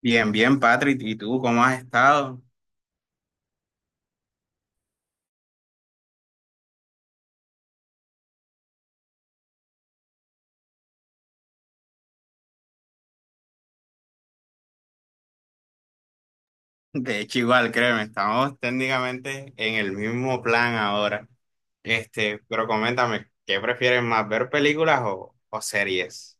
Bien, bien, Patrick. ¿Y tú cómo has estado? De hecho, igual, créeme, estamos técnicamente en el mismo plan ahora. Este, pero coméntame, ¿qué prefieres más, ver películas o series?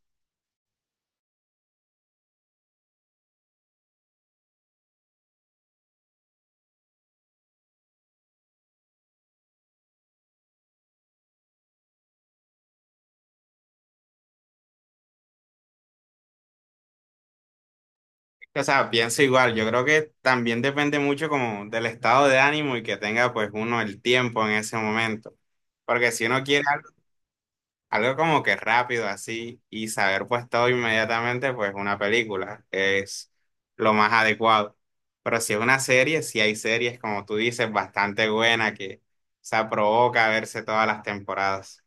O sea, pienso igual, yo creo que también depende mucho como del estado de ánimo y que tenga pues uno el tiempo en ese momento. Porque si uno quiere algo como que rápido así y saber pues todo inmediatamente pues una película es lo más adecuado. Pero si es una serie, si hay series como tú dices bastante buena que se provoca verse todas las temporadas.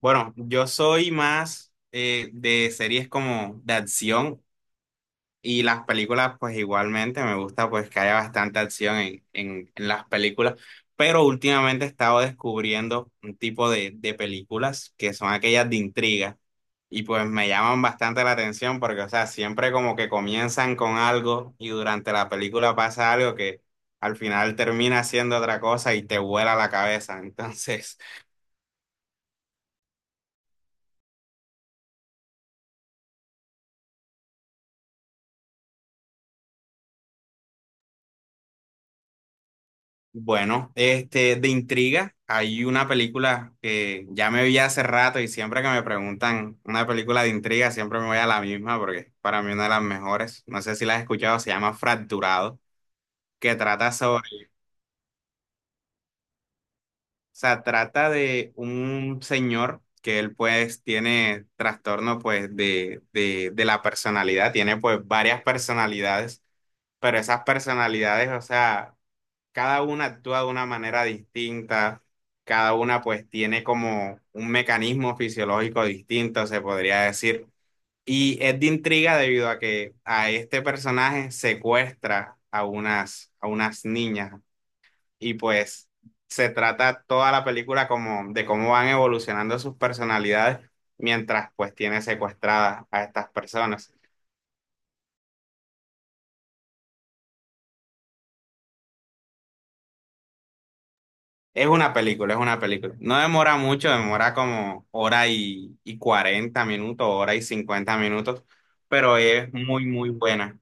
Bueno, yo soy más de series como de acción y las películas pues igualmente me gusta pues que haya bastante acción en las películas. Pero últimamente he estado descubriendo un tipo de películas que son aquellas de intriga. Y pues me llaman bastante la atención porque, o sea, siempre como que comienzan con algo y durante la película pasa algo que al final termina siendo otra cosa y te vuela la cabeza. Entonces, bueno, este, de intriga, hay una película que ya me vi hace rato y siempre que me preguntan una película de intriga, siempre me voy a la misma porque es para mí una de las mejores. No sé si la has escuchado, se llama Fracturado, que trata sobre, sea, trata de un señor que él pues tiene trastorno pues de la personalidad, tiene pues varias personalidades, pero esas personalidades, o sea, cada una actúa de una manera distinta, cada una pues tiene como un mecanismo fisiológico distinto, se podría decir. Y es de intriga debido a que a este personaje secuestra a a unas niñas y pues se trata toda la película como de cómo van evolucionando sus personalidades mientras pues tiene secuestradas a estas personas. Es una película, es una película. No demora mucho, demora como hora y 40 minutos, hora y 50 minutos, pero es muy, muy buena.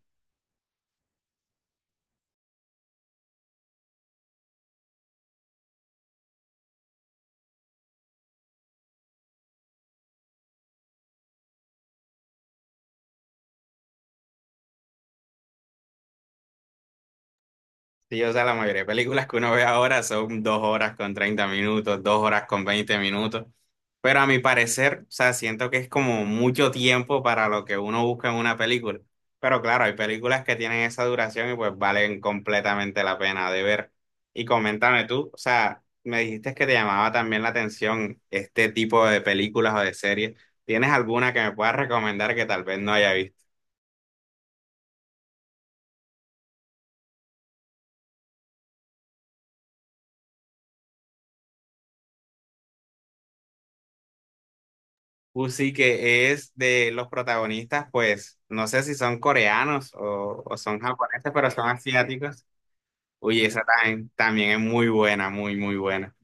Sí, o sea, la mayoría de películas que uno ve ahora son 2 horas con 30 minutos, 2 horas con 20 minutos. Pero a mi parecer, o sea, siento que es como mucho tiempo para lo que uno busca en una película. Pero claro, hay películas que tienen esa duración y pues valen completamente la pena de ver. Y coméntame tú, o sea, me dijiste que te llamaba también la atención este tipo de películas o de series. ¿Tienes alguna que me puedas recomendar que tal vez no haya visto? Sí, que es de los protagonistas, pues, no sé si son coreanos o son japoneses, pero son asiáticos. Uy, esa también, también es muy buena, muy, muy buena.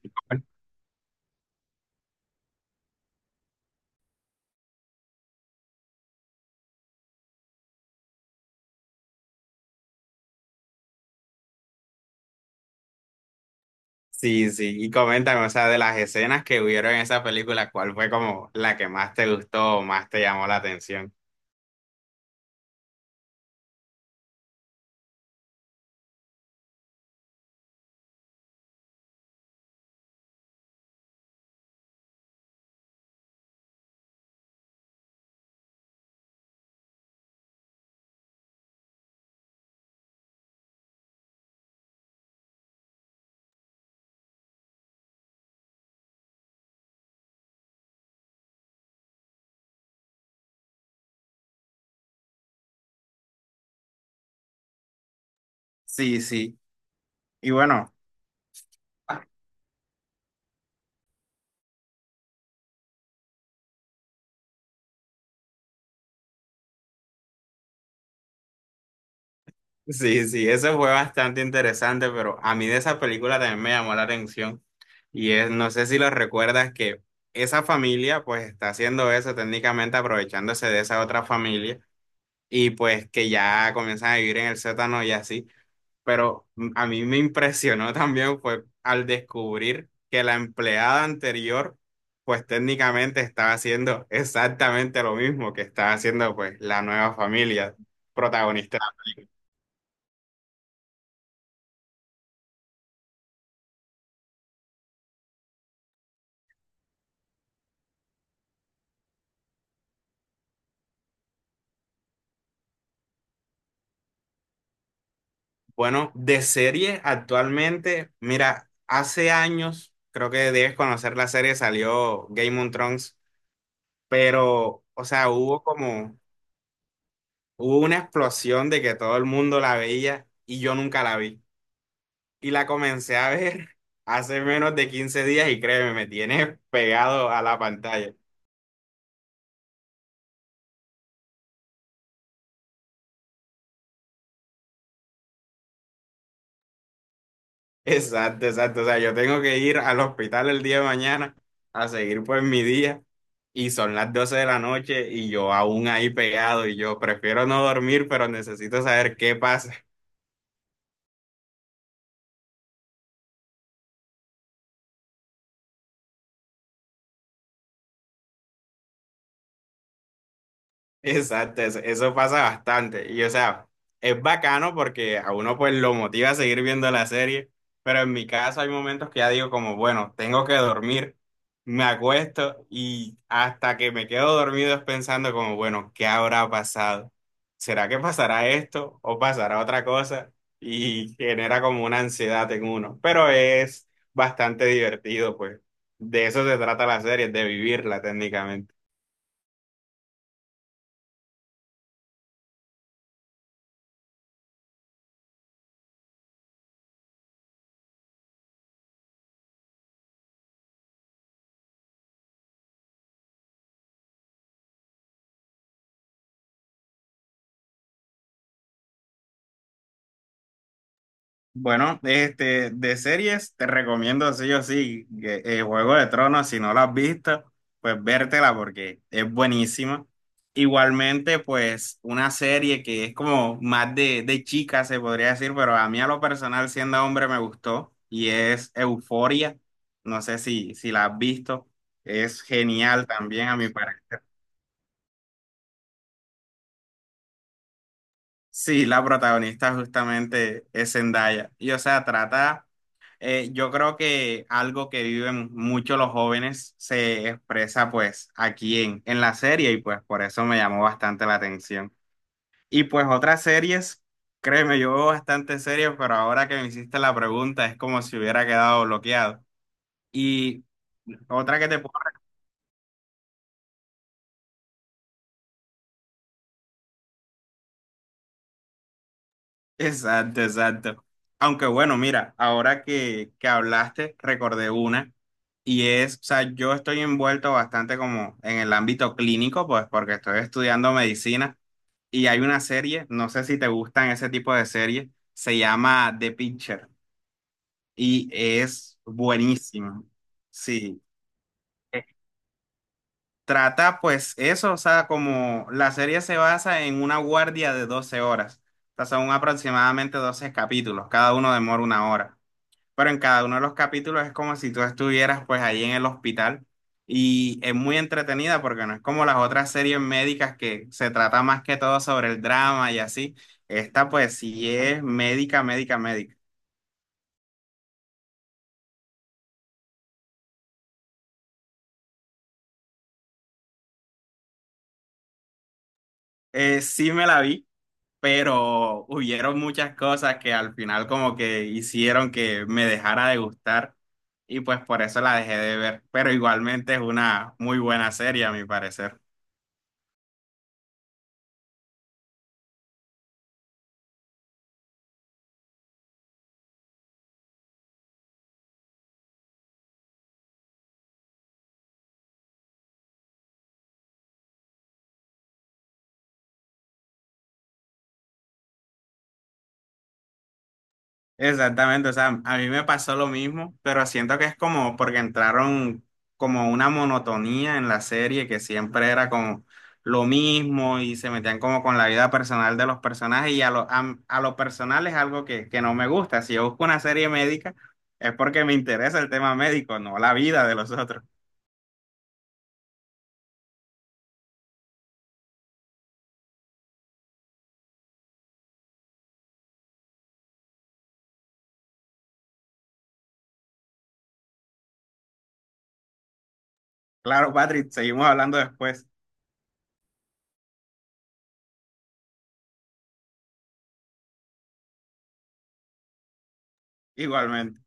Sí, sí, y coméntame, o sea, de las escenas que hubieron en esa película, ¿cuál fue como la que más te gustó o más te llamó la atención? Sí, sí, y bueno. Sí, sí, eso fue bastante interesante, pero a mí de esa película también me llamó la atención. Y es, no sé si lo recuerdas que esa familia pues está haciendo eso técnicamente aprovechándose de esa otra familia y pues que ya comienzan a vivir en el sótano y así. Pero mm, a mí me impresionó también fue al descubrir que la empleada anterior pues técnicamente estaba haciendo exactamente lo mismo que estaba haciendo pues la nueva familia protagonista. Bueno, de serie actualmente, mira, hace años, creo que debes conocer la serie, salió Game of Thrones, pero, o sea, hubo como, hubo una explosión de que todo el mundo la veía y yo nunca la vi. Y la comencé a ver hace menos de 15 días y créeme, me tiene pegado a la pantalla. Exacto, exacto. O sea, yo tengo que ir al hospital el día de mañana a seguir pues mi día y son las 12 de la noche y yo aún ahí pegado y yo prefiero no dormir, pero necesito saber qué pasa. Exacto, eso pasa bastante. Y o sea, es bacano porque a uno pues lo motiva a seguir viendo la serie, pero en mi caso hay momentos que ya digo como, bueno, tengo que dormir, me acuesto y hasta que me quedo dormido es pensando como, bueno, ¿qué habrá pasado? ¿Será que pasará esto o pasará otra cosa? Y genera como una ansiedad en uno, pero es bastante divertido, pues. De eso se trata la serie, de vivirla técnicamente. Bueno, este, de series te recomiendo sí o sí que, Juego de Tronos, si no la has visto, pues vértela porque es buenísima. Igualmente, pues una serie que es como más de chica, se podría decir, pero a mí a lo personal, siendo hombre, me gustó y es Euforia. No sé si la has visto, es genial también a mi parecer. Sí, la protagonista justamente es Zendaya y o sea, trata, eh, yo creo que algo que viven mucho los jóvenes se expresa pues aquí en la serie y pues por eso me llamó bastante la atención. Y pues otras series, créeme, yo veo bastante series, pero ahora que me hiciste la pregunta es como si hubiera quedado bloqueado. Y otra que te puedo... Exacto, exacto. Aunque bueno, mira, ahora que hablaste, recordé una. Y es, o sea, yo estoy envuelto bastante como en el ámbito clínico, pues porque estoy estudiando medicina. Y hay una serie, no sé si te gustan ese tipo de series, se llama The Pitcher y es buenísima. Sí. Eh, trata pues eso, o sea, como la serie se basa en una guardia de 12 horas, o sea, son aproximadamente 12 capítulos, cada uno demora una hora, pero en cada uno de los capítulos es como si tú estuvieras pues ahí en el hospital y es muy entretenida porque no es como las otras series médicas que se trata más que todo sobre el drama y así. Esta pues sí es médica, médica, médica. Sí me la vi, pero hubieron muchas cosas que al final como que hicieron que me dejara de gustar y pues por eso la dejé de ver, pero igualmente es una muy buena serie a mi parecer. Exactamente, o sea, a mí me pasó lo mismo, pero siento que es como porque entraron como una monotonía en la serie que siempre era como lo mismo y se metían como con la vida personal de los personajes y a lo personal es algo que no me gusta. Si yo busco una serie médica es porque me interesa el tema médico, no la vida de los otros. Claro, Patrick, seguimos hablando después, igualmente.